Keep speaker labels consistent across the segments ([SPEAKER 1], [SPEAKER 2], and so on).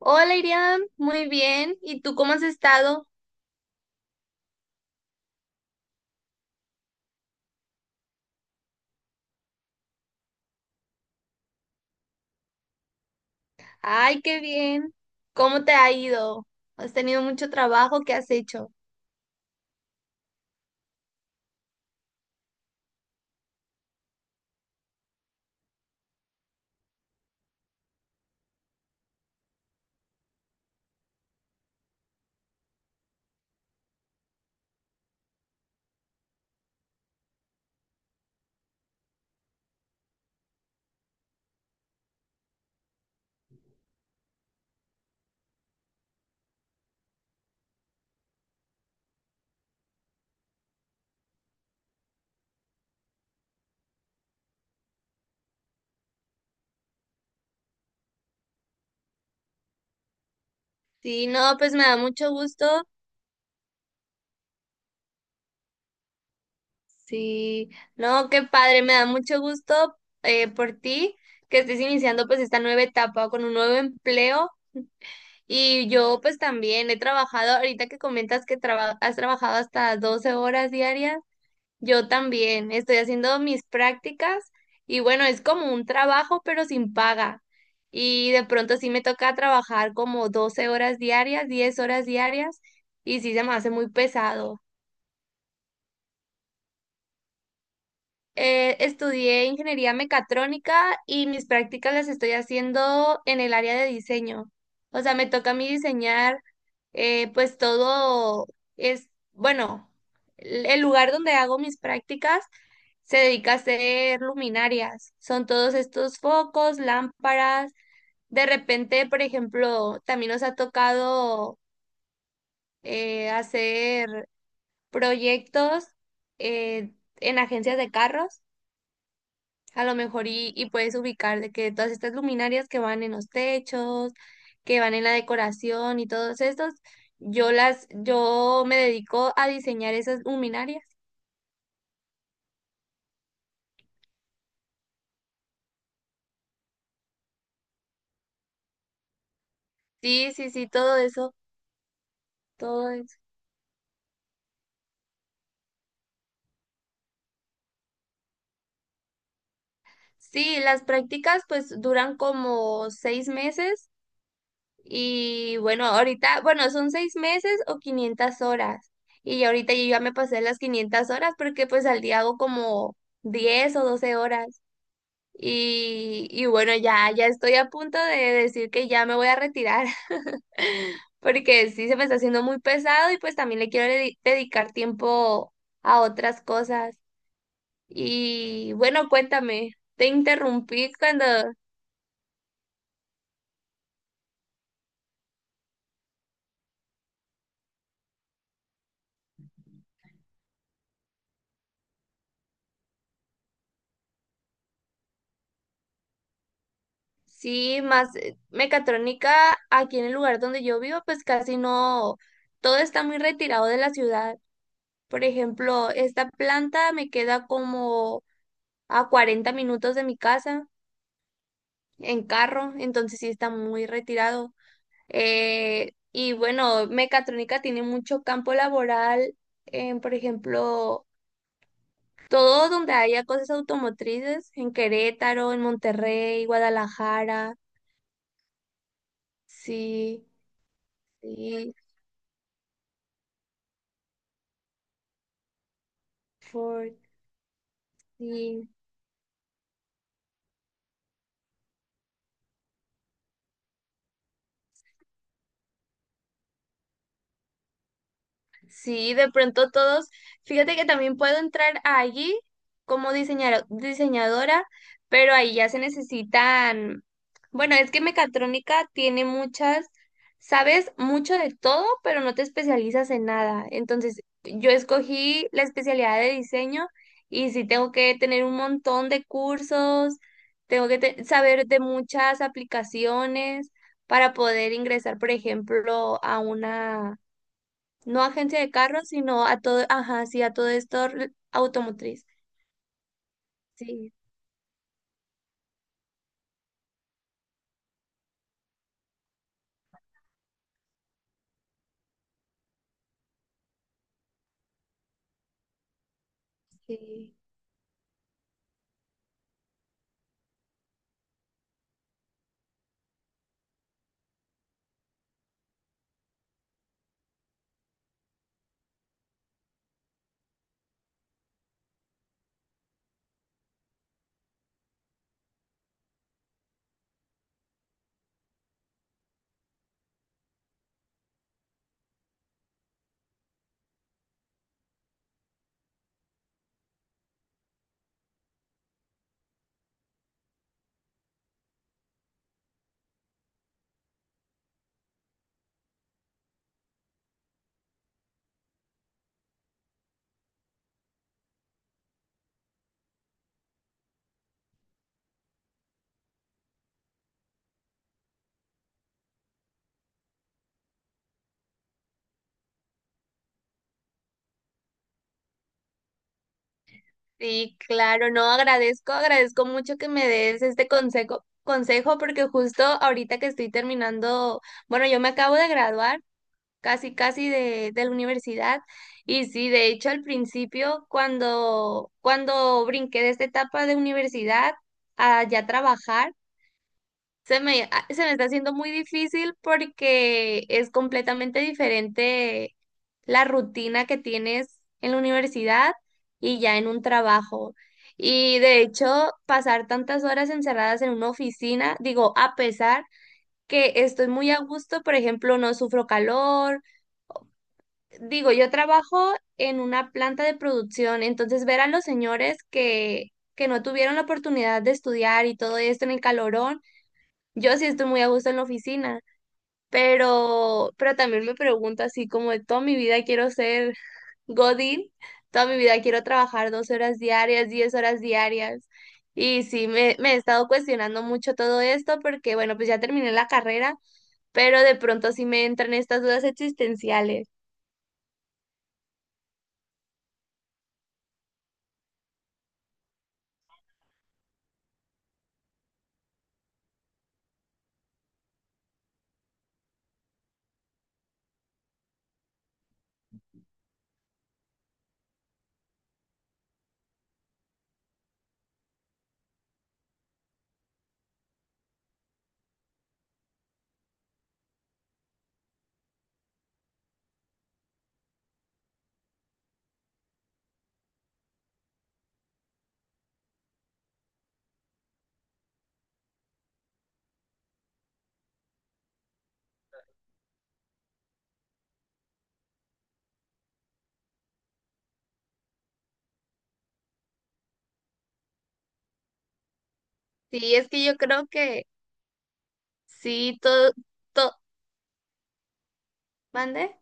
[SPEAKER 1] Hola Iriam, muy bien. ¿Y tú cómo has estado? Ay, qué bien. ¿Cómo te ha ido? ¿Has tenido mucho trabajo? ¿Qué has hecho? Sí, no, pues me da mucho gusto. Sí, no, qué padre, me da mucho gusto por ti que estés iniciando pues esta nueva etapa con un nuevo empleo. Y yo pues también he trabajado, ahorita que comentas que has trabajado hasta 12 horas diarias. Yo también estoy haciendo mis prácticas y bueno, es como un trabajo pero sin paga. Y de pronto sí me toca trabajar como 12 horas diarias, 10 horas diarias y sí se me hace muy pesado. Estudié ingeniería mecatrónica y mis prácticas las estoy haciendo en el área de diseño. O sea, me toca a mí diseñar, pues todo es, bueno, el lugar donde hago mis prácticas se dedica a hacer luminarias. Son todos estos focos, lámparas. De repente, por ejemplo, también nos ha tocado hacer proyectos en agencias de carros. A lo mejor, y puedes ubicar de que todas estas luminarias que van en los techos, que van en la decoración y todos estos, yo me dedico a diseñar esas luminarias. Sí, sí, sí, todo eso, todo eso. Sí, las prácticas pues duran como 6 meses y bueno, ahorita, bueno, son 6 meses o 500 horas. Y ya ahorita yo ya me pasé las 500 horas porque pues al día hago como 10 o 12 horas. Y bueno, ya, ya estoy a punto de decir que ya me voy a retirar, porque sí se me está haciendo muy pesado y pues también le quiero dedicar tiempo a otras cosas. Y bueno, cuéntame, te interrumpí cuando. Sí, más, mecatrónica aquí en el lugar donde yo vivo, pues casi no, todo está muy retirado de la ciudad. Por ejemplo, esta planta me queda como a 40 minutos de mi casa en carro, entonces sí está muy retirado. Y bueno, mecatrónica tiene mucho campo laboral, en, por ejemplo, todo donde haya cosas automotrices, en Querétaro, en Monterrey, Guadalajara, sí, sí, Ford, sí. Sí, de pronto todos, fíjate que también puedo entrar allí como diseñadora, pero ahí ya se necesitan, bueno, es que mecatrónica tiene muchas, sabes mucho de todo, pero no te especializas en nada. Entonces, yo escogí la especialidad de diseño y sí tengo que tener un montón de cursos, tengo que saber de muchas aplicaciones para poder ingresar, por ejemplo, a una, no, agencia de carros, sino a todo, ajá, sí, a todo esto automotriz. Sí, sí. Sí, claro, no, agradezco, agradezco mucho que me des este consejo, consejo, porque justo ahorita que estoy terminando, bueno, yo me acabo de graduar casi, casi de, la universidad, y sí, de hecho al principio, cuando brinqué de esta etapa de universidad a ya trabajar, se me, se me está haciendo muy difícil porque es completamente diferente la rutina que tienes en la universidad y ya en un trabajo. Y de hecho, pasar tantas horas encerradas en una oficina, digo, a pesar que estoy muy a gusto, por ejemplo, no sufro calor. Digo, yo trabajo en una planta de producción, entonces ver a los señores que, no tuvieron la oportunidad de estudiar y todo esto en el calorón, yo sí estoy muy a gusto en la oficina. Pero también me pregunto así como de toda mi vida quiero ser Godín, toda mi vida quiero trabajar 12 horas diarias, 10 horas diarias. Y sí, me he estado cuestionando mucho todo esto porque, bueno, pues ya terminé la carrera, pero de pronto sí me entran estas dudas existenciales. Sí, es que yo creo que sí, todo, todo. ¿Mande?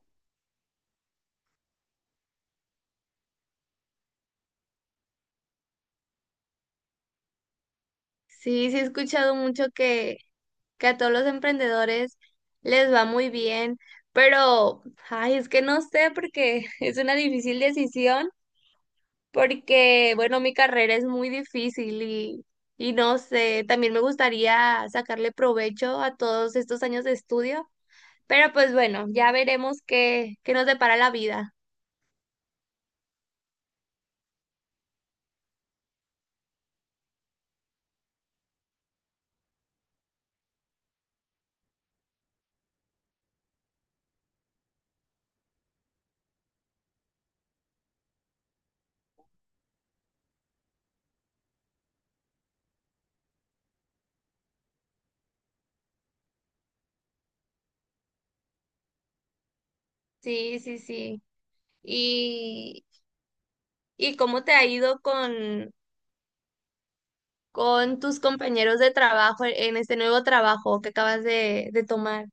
[SPEAKER 1] Sí, sí he escuchado mucho que a todos los emprendedores les va muy bien, pero, ay, es que no sé porque es una difícil decisión, porque, bueno, mi carrera es muy difícil y, no sé, también me gustaría sacarle provecho a todos estos años de estudio, pero pues bueno, ya veremos qué, nos depara la vida. Sí, sí, sí. ¿Y, y cómo te ha ido con, tus compañeros de trabajo en este nuevo trabajo que acabas de tomar?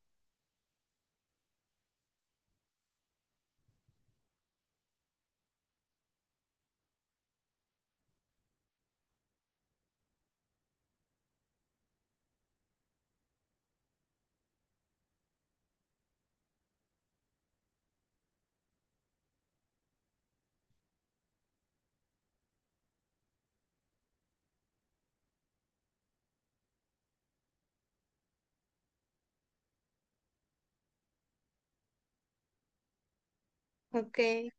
[SPEAKER 1] Ok,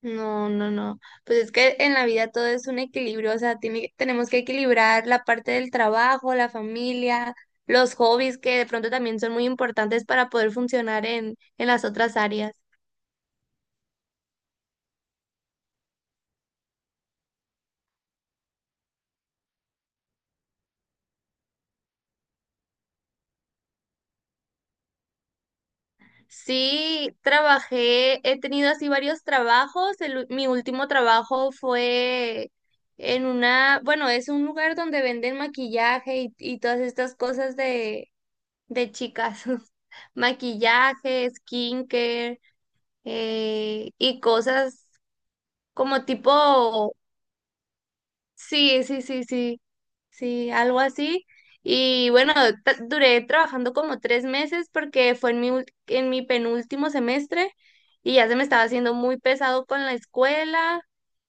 [SPEAKER 1] no, no, no. Pues es que en la vida todo es un equilibrio, o sea, tenemos que equilibrar la parte del trabajo, la familia, los hobbies que de pronto también son muy importantes para poder funcionar en, las otras áreas. Sí, trabajé, he tenido así varios trabajos. Mi último trabajo fue en una, bueno, es un lugar donde venden maquillaje y, todas estas cosas de chicas. Maquillaje, skincare, y cosas como tipo, sí, sí, sí, sí, sí, algo así. Y bueno, duré trabajando como 3 meses porque fue en mi, en mi penúltimo semestre y ya se me estaba haciendo muy pesado con la escuela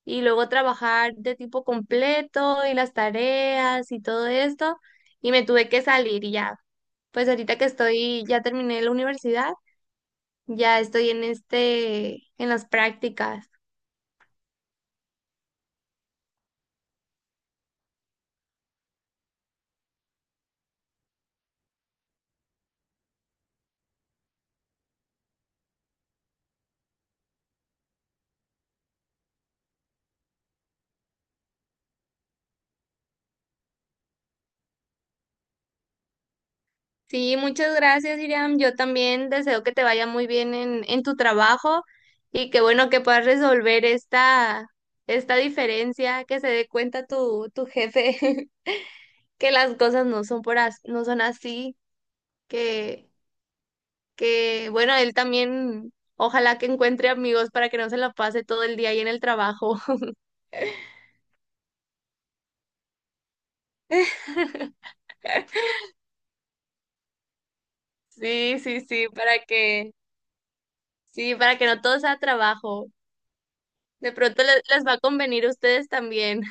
[SPEAKER 1] y luego trabajar de tipo completo y las tareas y todo esto y me tuve que salir y ya. Pues ahorita que estoy, ya terminé la universidad, ya estoy en este, en las prácticas. Sí, muchas gracias, Iriam. Yo también deseo que te vaya muy bien en, tu trabajo y que bueno que puedas resolver esta diferencia, que se dé cuenta tu jefe que las cosas no son por no son así, que, que bueno, él también ojalá que encuentre amigos para que no se la pase todo el día ahí en el trabajo. Sí, sí, sí, para que no todo sea trabajo. De pronto les, va a convenir a ustedes también.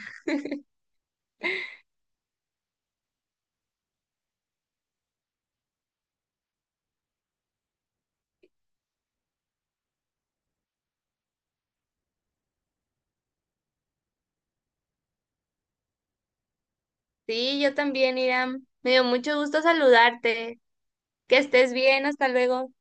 [SPEAKER 1] Sí, yo también, Iram. Me dio mucho gusto saludarte. Que estés bien, hasta luego.